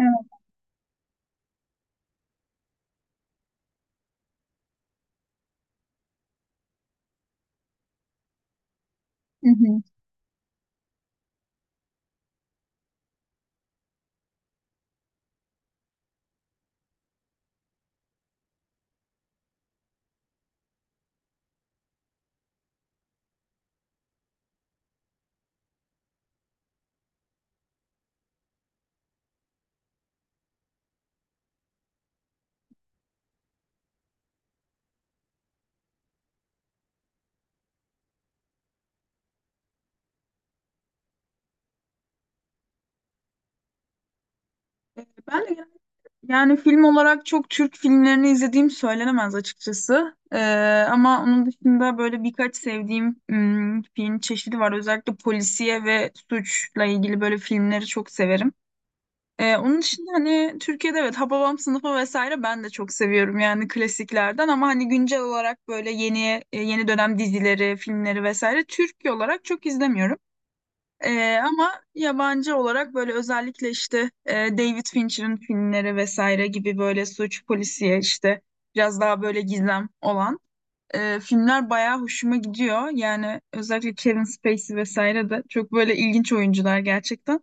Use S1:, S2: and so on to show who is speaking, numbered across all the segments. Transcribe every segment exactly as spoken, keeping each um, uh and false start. S1: Evet. Hı hı. Ee, Ben de yani yani film olarak çok Türk filmlerini izlediğim söylenemez açıkçası. Ee, ama onun dışında böyle birkaç sevdiğim ım, film çeşidi var. Özellikle polisiye ve suçla ilgili böyle filmleri çok severim. Ee, onun dışında hani Türkiye'de, evet, Hababam Sınıfı vesaire ben de çok seviyorum yani klasiklerden, ama hani güncel olarak böyle yeni e, yeni dönem dizileri, filmleri vesaire Türkiye olarak çok izlemiyorum. Ee, ama yabancı olarak böyle özellikle işte e, David Fincher'ın filmleri vesaire gibi böyle suç, polisiye, işte biraz daha böyle gizem olan e, filmler bayağı hoşuma gidiyor. Yani özellikle Kevin Spacey vesaire de çok böyle ilginç oyuncular gerçekten.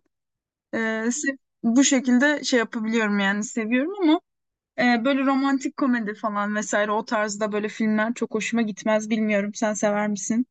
S1: Ee, se- Bu şekilde şey yapabiliyorum yani, seviyorum, ama e, böyle romantik komedi falan vesaire o tarzda böyle filmler çok hoşuma gitmez. Bilmiyorum, sen sever misin?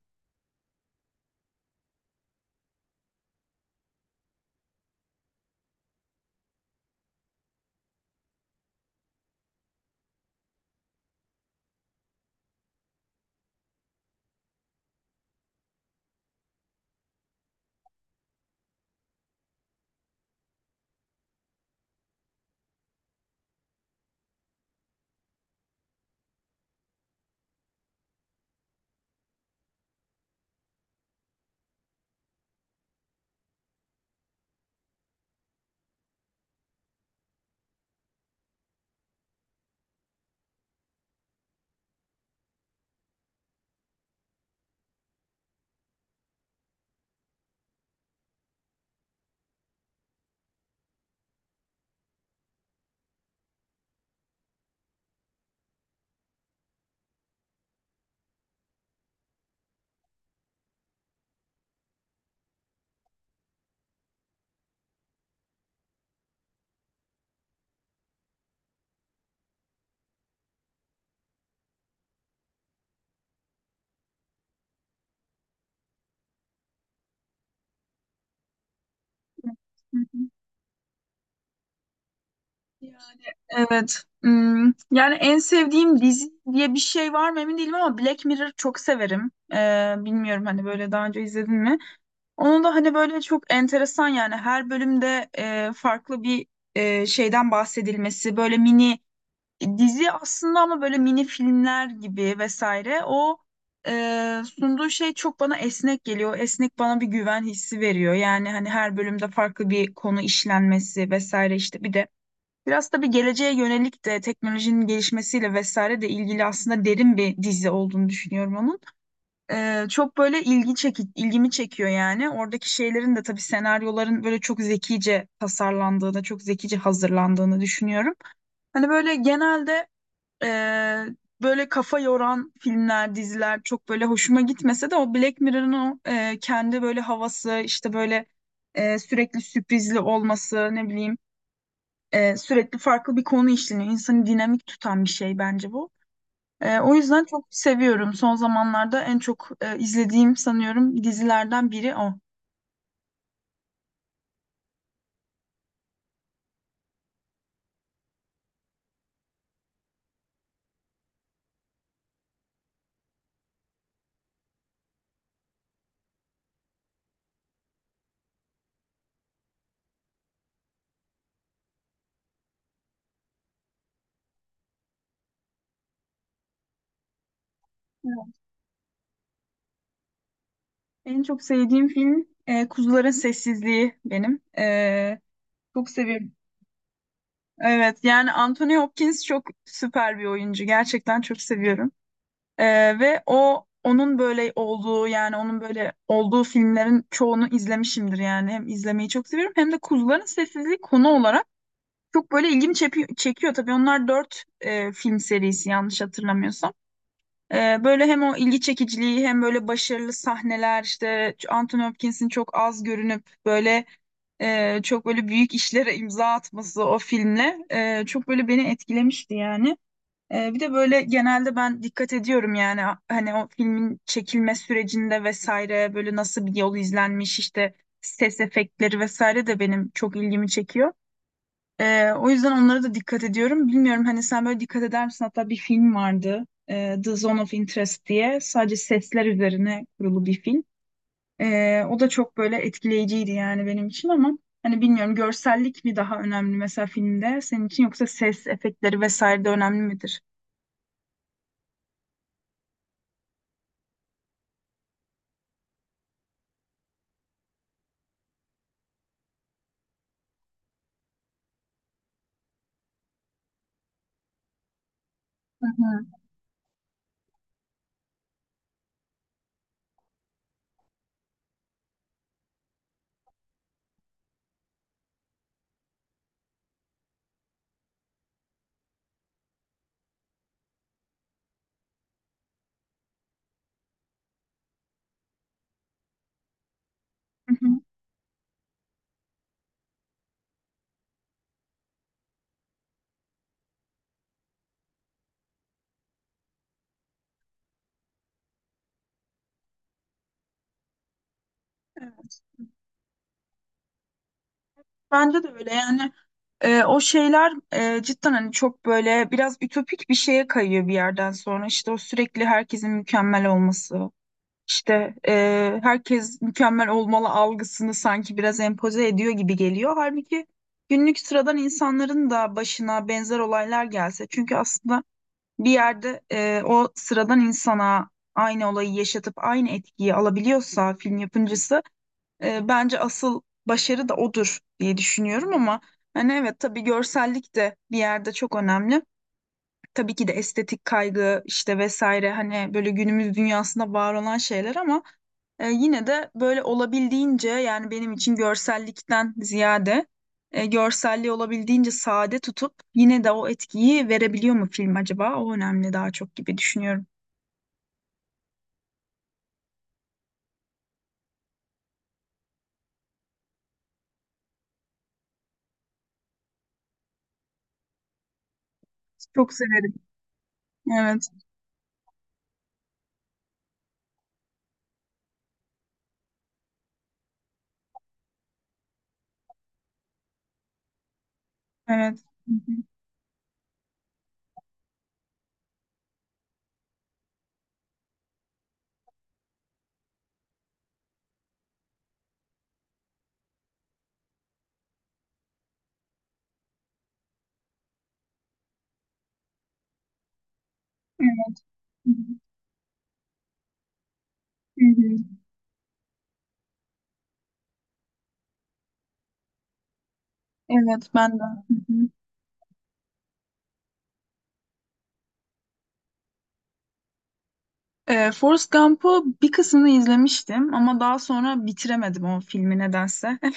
S1: Hı hı. Yani evet. Hmm, yani en sevdiğim dizi diye bir şey var mı emin değilim, ama Black Mirror çok severim. Ee, bilmiyorum, hani böyle daha önce izledin mi? Onun da hani böyle çok enteresan yani, her bölümde e, farklı bir e, şeyden bahsedilmesi, böyle mini dizi aslında, ama böyle mini filmler gibi vesaire. O e, sunduğu şey çok bana esnek geliyor. Esnek bana bir güven hissi veriyor. Yani hani her bölümde farklı bir konu işlenmesi vesaire, işte bir de biraz tabii geleceğe yönelik de teknolojinin gelişmesiyle vesaire de ilgili, aslında derin bir dizi olduğunu düşünüyorum onun. Ee, çok böyle ilgi çeki, ilgimi çekiyor yani. Oradaki şeylerin de tabii, senaryoların böyle çok zekice tasarlandığını, çok zekice hazırlandığını düşünüyorum. Hani böyle genelde e, böyle kafa yoran filmler, diziler çok böyle hoşuma gitmese de o Black Mirror'ın o e, kendi böyle havası, işte böyle e, sürekli sürprizli olması, ne bileyim, ee, sürekli farklı bir konu işleniyor. İnsanı dinamik tutan bir şey bence bu. Ee, o yüzden çok seviyorum. Son zamanlarda en çok e, izlediğim sanıyorum dizilerden biri o. Evet. En çok sevdiğim film e, Kuzuların Sessizliği benim. Ee, çok seviyorum. Evet yani Anthony Hopkins çok süper bir oyuncu. Gerçekten çok seviyorum. Ee, ve o onun böyle olduğu yani onun böyle olduğu filmlerin çoğunu izlemişimdir yani. Hem izlemeyi çok seviyorum, hem de Kuzuların Sessizliği konu olarak çok böyle ilgimi çepi- çekiyor tabii. Onlar dört e, film serisi yanlış hatırlamıyorsam. E, böyle hem o ilgi çekiciliği, hem böyle başarılı sahneler, işte Anthony Hopkins'in çok az görünüp böyle e, çok böyle büyük işlere imza atması, o filmle e, çok böyle beni etkilemişti yani. E, bir de böyle genelde ben dikkat ediyorum yani, hani o filmin çekilme sürecinde vesaire böyle nasıl bir yol izlenmiş, işte ses efektleri vesaire de benim çok ilgimi çekiyor. Ee, o yüzden onlara da dikkat ediyorum. Bilmiyorum, hani sen böyle dikkat eder misin? Hatta bir film vardı, e, The Zone of Interest diye. Sadece sesler üzerine kurulu bir film. Ee, o da çok böyle etkileyiciydi yani benim için, ama hani bilmiyorum, görsellik mi daha önemli mesela filmde senin için, yoksa ses efektleri vesaire de önemli midir? Hı hı. Hı hı. Evet, bence de öyle yani. E, o şeyler e, cidden hani çok böyle biraz ütopik bir şeye kayıyor bir yerden sonra, işte o sürekli herkesin mükemmel olması, işte e, herkes mükemmel olmalı algısını sanki biraz empoze ediyor gibi geliyor. Halbuki günlük sıradan insanların da başına benzer olaylar gelse, çünkü aslında bir yerde e, o sıradan insana aynı olayı yaşatıp aynı etkiyi alabiliyorsa film yapımcısı, E, bence asıl başarı da odur diye düşünüyorum, ama hani evet, tabii, görsellik de bir yerde çok önemli. Tabii ki de estetik kaygı işte vesaire, hani böyle günümüz dünyasında var olan şeyler, ama e, yine de böyle olabildiğince, yani benim için görsellikten ziyade e, görselliği olabildiğince sade tutup yine de o etkiyi verebiliyor mu film acaba? O önemli daha çok gibi düşünüyorum. Çok severim. Evet, evet. Hı hı. Evet. Hı hı. Hı hı. Evet ben de. Hı hı. Ee, Forrest Gump'u bir kısmını izlemiştim, ama daha sonra bitiremedim o filmi nedense.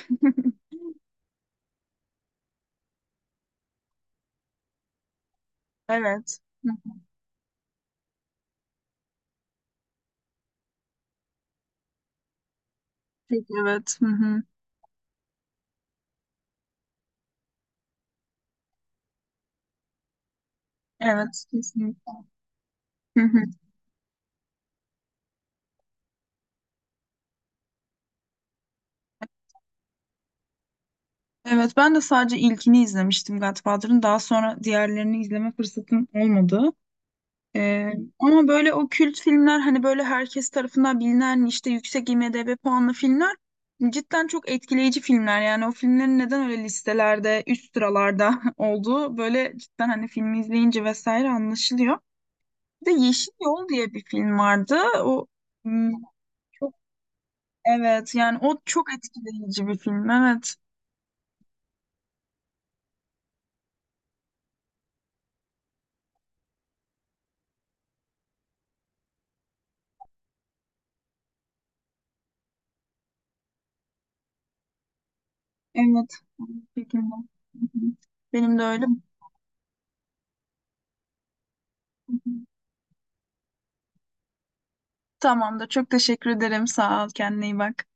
S1: Evet. Hı hı. Peki, evet. Hı hı. Evet, kesinlikle. Hı hı. Evet, ben de sadece ilkini izlemiştim Godfather'ın. Daha sonra diğerlerini izleme fırsatım olmadı. Ee, Ama böyle o kült filmler, hani böyle herkes tarafından bilinen, işte yüksek IMDb puanlı filmler cidden çok etkileyici filmler. Yani o filmlerin neden öyle listelerde üst sıralarda olduğu böyle cidden, hani, filmi izleyince vesaire anlaşılıyor. Bir de Yeşil Yol diye bir film vardı. O hmm, çok, evet, yani o çok etkileyici bir film. Evet. Evet. Şekilde. Benim de öyle. Tamam da çok teşekkür ederim. Sağ ol. Kendine iyi bak.